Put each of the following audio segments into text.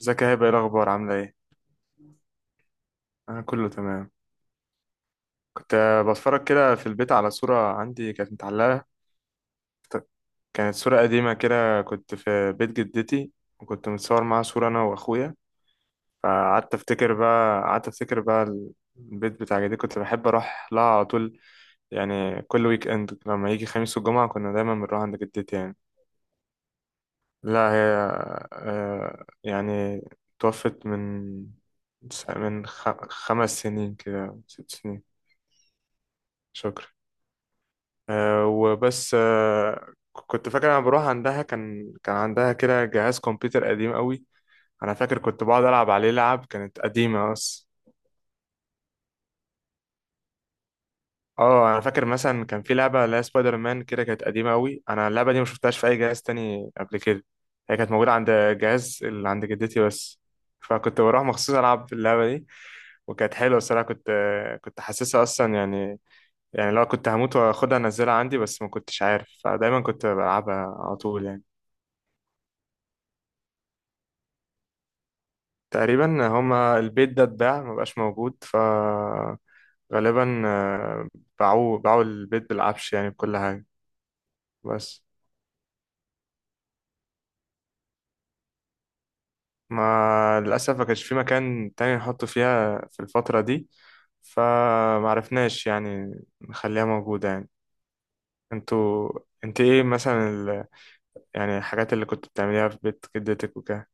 ازيك يا هبه؟ ايه الاخبار؟ عامله ايه؟ انا كله تمام. كنت بتفرج كده في البيت على صوره عندي كانت متعلقه. كت- كانت صوره قديمه كده، كنت في بيت جدتي، وكنت متصور معاها صوره، انا واخويا. فقعدت افتكر بقى البيت بتاع جدتي كنت بحب اروح لها على طول، يعني كل ويك اند لما يجي خميس والجمعه كنا دايما بنروح عند جدتي يعني. لا، هي يعني توفت من 5 سنين كده، 6 سنين. شكرا. وبس. كنت فاكر انا بروح عندها، كان عندها كده جهاز كمبيوتر قديم قوي. انا فاكر كنت بقعد العب عليه، لعب كانت قديمه بس. اه، انا فاكر مثلا كان في لعبه اللي هي سبايدر مان كده، كانت قديمه قوي. انا اللعبه دي ما شفتهاش في اي جهاز تاني قبل كده. هي كانت موجوده عند جهاز اللي عند جدتي بس، فكنت بروح مخصوص العب اللعبه دي. وكانت حلوه الصراحه، كنت حاسسها اصلا يعني، يعني لو كنت هموت واخدها انزلها عندي، بس ما كنتش عارف، فدايما كنت بلعبها على طول يعني. تقريبا هما البيت ده اتباع مبقاش موجود، فغالبا آه، باعوا البيت بالعفش يعني بكل حاجة. بس ما للأسف ما كانش في مكان تاني نحطه فيها في الفترة دي، فمعرفناش يعني نخليها موجودة يعني. انتوا انت ايه مثلا يعني الحاجات اللي كنت بتعمليها في بيت جدتك وكده؟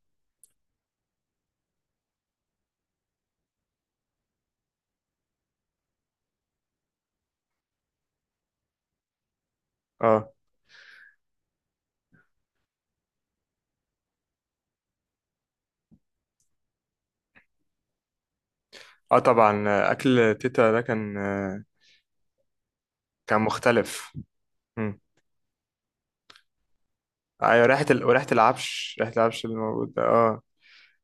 اه، اه، طبعا اكل تيتا ده كان مختلف. مم. ايوه، ريحة وريحة العفش اللي موجود ده، اه.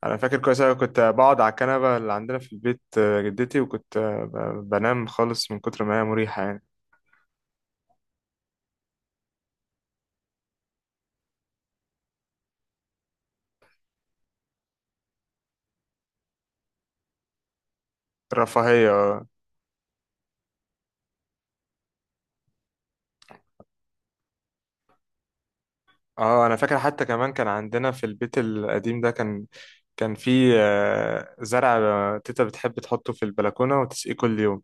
انا فاكر كويس أوي كنت بقعد على الكنبه اللي عندنا في البيت، جدتي، وكنت بنام خالص من كتر ما هي مريحه يعني. رفاهيه، اه. انا فاكر حتى كمان كان عندنا في البيت القديم ده كان في زرع، تيتا بتحب تحطه في البلكونه وتسقيه كل يوم.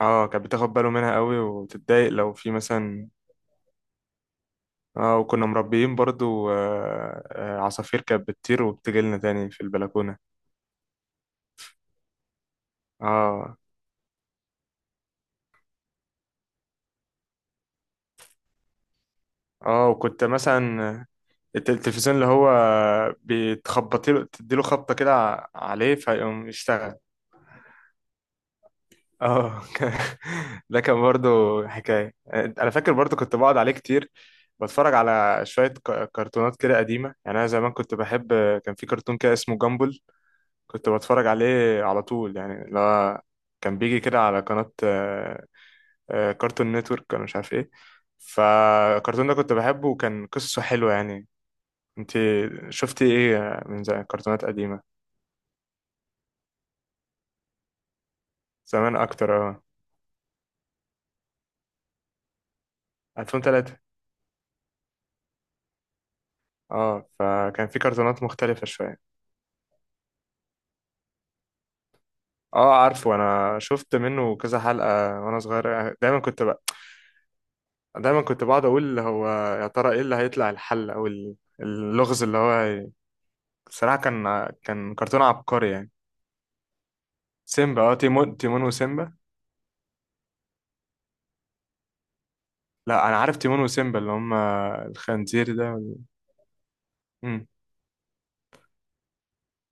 اه، كانت بتاخد باله منها قوي وتتضايق لو في مثلا. اه، وكنا مربيين برضو عصافير كانت بتطير وبتجيلنا تاني في البلكونه. اه، اه، وكنت مثلا التلفزيون اللي هو، بتخبطي له تديله خبطة كده عليه فيقوم يشتغل. اه. ده كان برضو حكاية، انا فاكر برضو كنت بقعد عليه كتير، بتفرج على شوية كرتونات كده قديمة يعني، انا زمان كنت بحب. كان في كرتون كده اسمه جامبل، كنت بتفرج عليه على طول يعني، اللي هو كان بيجي كده على قناة كارتون نتورك، انا مش عارف ايه. فالكرتون ده كنت بحبه وكان قصته حلوة يعني. انت شفتي ايه من زمان كرتونات قديمة؟ زمان اكتر، اه. 2003. اه، فكان في كرتونات مختلفة شوية. اه عارفه، انا شفت منه كذا حلقة وانا صغير. دايما كنت بقعد اقول هو، يا ترى ايه اللي هيطلع الحل او اللغز اللي هو الصراحة كان كرتون عبقري يعني. سيمبا، اه، تيمون وسيمبا. لا انا عارف تيمون وسيمبا اللي هم الخنزير ده. امم.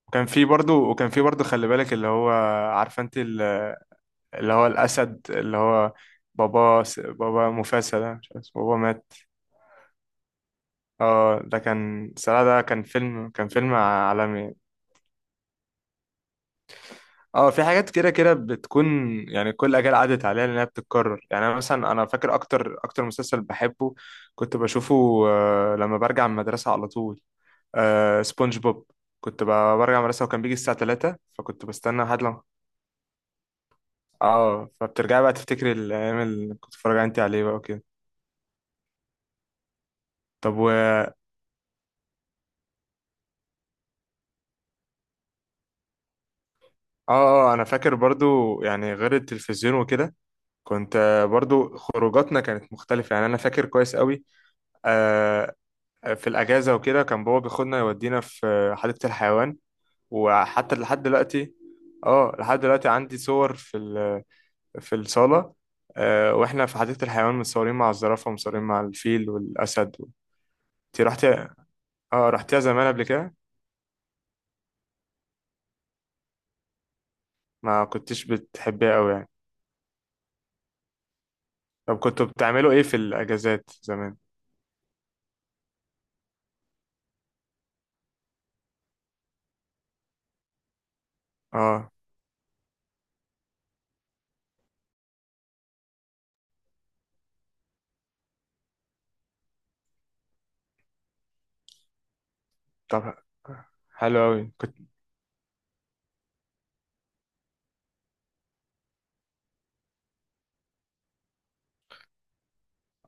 وكان في برضو خلي بالك، اللي هو، عارفه انت، اللي هو الأسد، اللي هو بابا مفاسة ده مش عارف اسمه، بابا مات. اه، ده كان فيلم عالمي. اه، في حاجات كده كده بتكون، يعني كل أجيال عدت عليها لأنها بتتكرر. يعني، أنا مثلا، أنا فاكر أكتر مسلسل بحبه كنت بشوفه، لما برجع من المدرسة على طول، سبونج بوب. كنت برجع من المدرسة وكان بيجي الساعة 3، فكنت بستنى لحد لما. اه، فبترجعي بقى تفتكري الأيام اللي كنت بتتفرجي انت عليه بقى وكده. طب، اه، انا فاكر برضو، يعني غير التلفزيون وكده كنت برضو خروجاتنا كانت مختلفة يعني. انا فاكر كويس قوي، آه، في الاجازة وكده كان بابا بياخدنا يودينا في حديقة الحيوان، وحتى لحد دلوقتي. اه، لحد دلوقتي عندي صور في الصالة، واحنا في حديقة الحيوان متصورين مع الزرافة ومتصورين مع الفيل والاسد. انت رحتي؟ اه رحتيها زمان قبل كده؟ ما كنتش بتحبيها قوي يعني؟ طب كنتوا بتعملوا ايه في الاجازات زمان؟ اه، طب، حلو أوي كنت.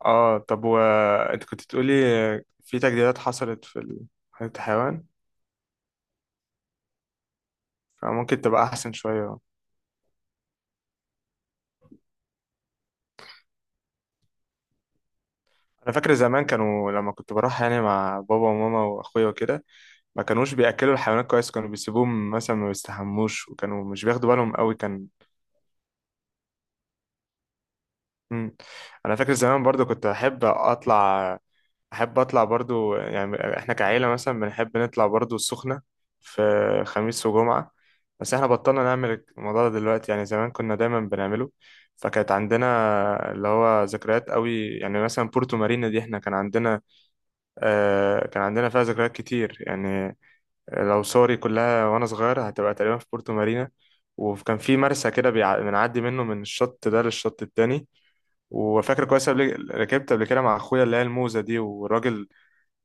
اه، طب وانت كنت بتقولي في تجديدات حصلت في حديقة الحيوان، فممكن تبقى أحسن شوية. أنا فاكر زمان كانوا لما كنت بروح يعني مع بابا وماما وأخويا وكده ما كانوش بيأكلوا الحيوانات كويس، كانوا بيسيبوهم مثلا ما بيستحموش، وكانوا مش بياخدوا بالهم قوي كان. مم. أنا فاكر زمان برضو كنت أحب أطلع احب اطلع برضو، يعني احنا كعيله مثلا بنحب نطلع برضو السخنه في خميس وجمعه، بس احنا بطلنا نعمل الموضوع ده دلوقتي، يعني زمان كنا دايما بنعمله. فكانت عندنا اللي هو ذكريات قوي، يعني مثلا بورتو مارينا دي احنا كان عندنا فيها ذكريات كتير يعني. لو صوري كلها وانا صغير هتبقى تقريبا في بورتو مارينا. وكان في مرسى كده بنعدي منه من الشط ده للشط التاني. وفاكر كويس، قبل ركبت قبل كده مع اخويا اللي هي الموزه دي، والراجل،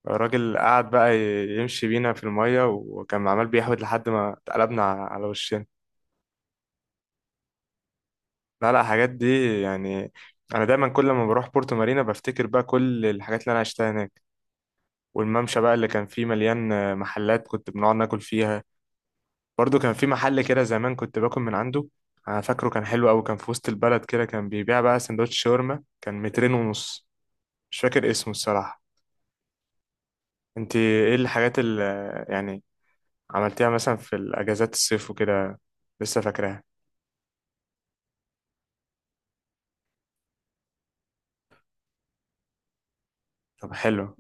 الراجل قعد بقى يمشي بينا في المية، وكان عمال بيحوت لحد ما اتقلبنا على وشنا. لا، لا، الحاجات دي يعني، أنا دايما كل ما بروح بورتو مارينا بفتكر بقى كل الحاجات اللي أنا عشتها هناك، والممشى بقى اللي كان فيه مليان محلات كنت بنقعد ناكل فيها. برضو كان في محل كده زمان كنت باكل من عنده، أنا فاكره كان حلو أوي، كان في وسط البلد كده، كان بيبيع بقى سندوتش شاورما كان مترين ونص. مش فاكر اسمه الصراحة. انت ايه الحاجات اللي يعني عملتيها مثلا في الاجازات الصيف وكده، لسه فاكراها؟ طب، حلو.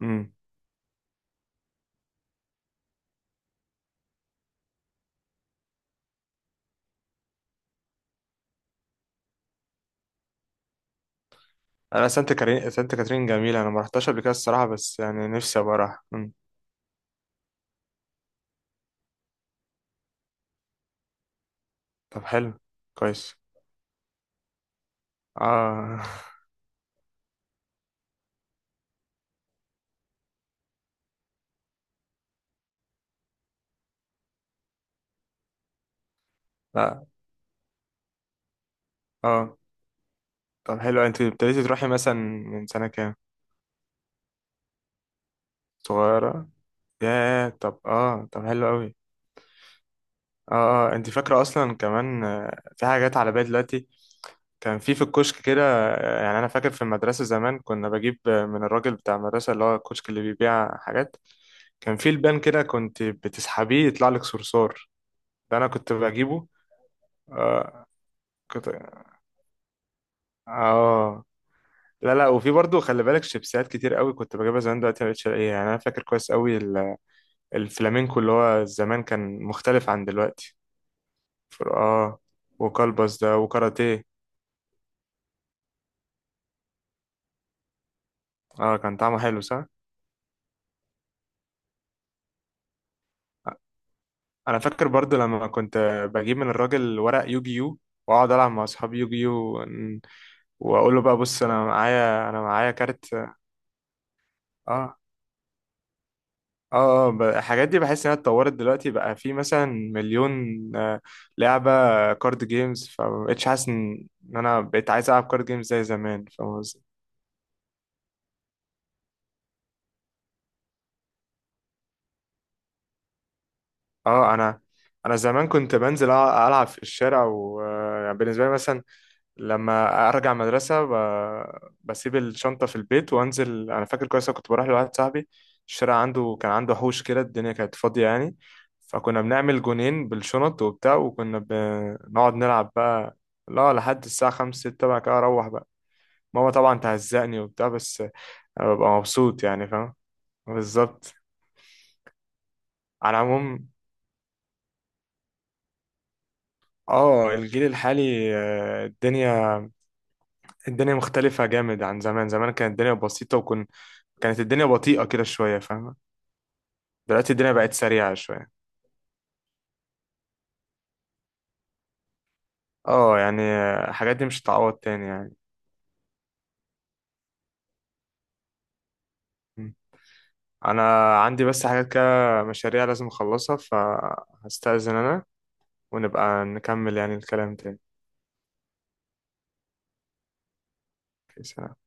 امم. انا، سانت كاترين، سانت كاترين جميله، انا ما رحتهاش قبل كده الصراحه، بس يعني نفسي ابقى اروح. امم. طب، حلو. كويس. اه. لا. اه، طب، حلو. انت ابتديتي تروحي مثلا من سنه كام؟ صغيره. ياه، طب، اه، طب حلو قوي. اه، اه، انت فاكره اصلا؟ كمان في حاجات على بالي دلوقتي. كان في الكشك كده، يعني انا فاكر في المدرسه زمان كنا بجيب من الراجل بتاع المدرسه، اللي هو الكشك اللي بيبيع حاجات. كان في لبان كده كنت بتسحبيه يطلع لك صرصار، ده انا كنت بجيبه. آه كنت، اه. لا، لا، وفي برضه خلي بالك، شيبسيات كتير قوي كنت بجيبها زمان، دلوقتي ما بقتش الاقيها، يعني انا فاكر كويس قوي الفلامينكو اللي هو زمان كان مختلف عن دلوقتي. اه، وكلبس ده وكاراتيه. اه، كان طعمه حلو، صح؟ انا فاكر برضو لما كنت بجيب من الراجل ورق يوجيو، واقعد العب مع اصحابي يوجيو، واقول له بقى بص، انا معايا كارت، اه. اه، اه، الحاجات دي بحس انها اتطورت دلوقتي، بقى في مثلا مليون آه، لعبة، كارد جيمز، فمبقتش حاسس ان انا بقيت عايز العب كارد جيمز زي زمان. فاهم قصدي؟ اه، انا زمان كنت بنزل العب في الشارع، وبالنسبة لي مثلا لما ارجع مدرسه بسيب الشنطه في البيت وانزل. انا فاكر كويس، أنا كنت بروح لواحد صاحبي الشارع عنده، كان عنده حوش كده، الدنيا كانت فاضيه يعني، فكنا بنعمل جونين بالشنط وبتاع، وكنا بنقعد نلعب بقى. لا لحد الساعه 5، 6 بقى كده اروح بقى، ماما طبعا تهزقني وبتاع، بس انا ببقى مبسوط يعني. فاهم؟ بالظبط. على العموم، اه، الجيل الحالي، الدنيا مختلفة جامد عن زمان. زمان كانت الدنيا بسيطة، كانت الدنيا بطيئة كده شوية، فاهم؟ دلوقتي الدنيا بقت سريعة شوية. اه، يعني الحاجات دي مش هتعوض تاني يعني. م. انا عندي بس حاجات كده، مشاريع لازم اخلصها، فهستأذن انا، ونبقى نكمل يعني الكلام تاني. سلام.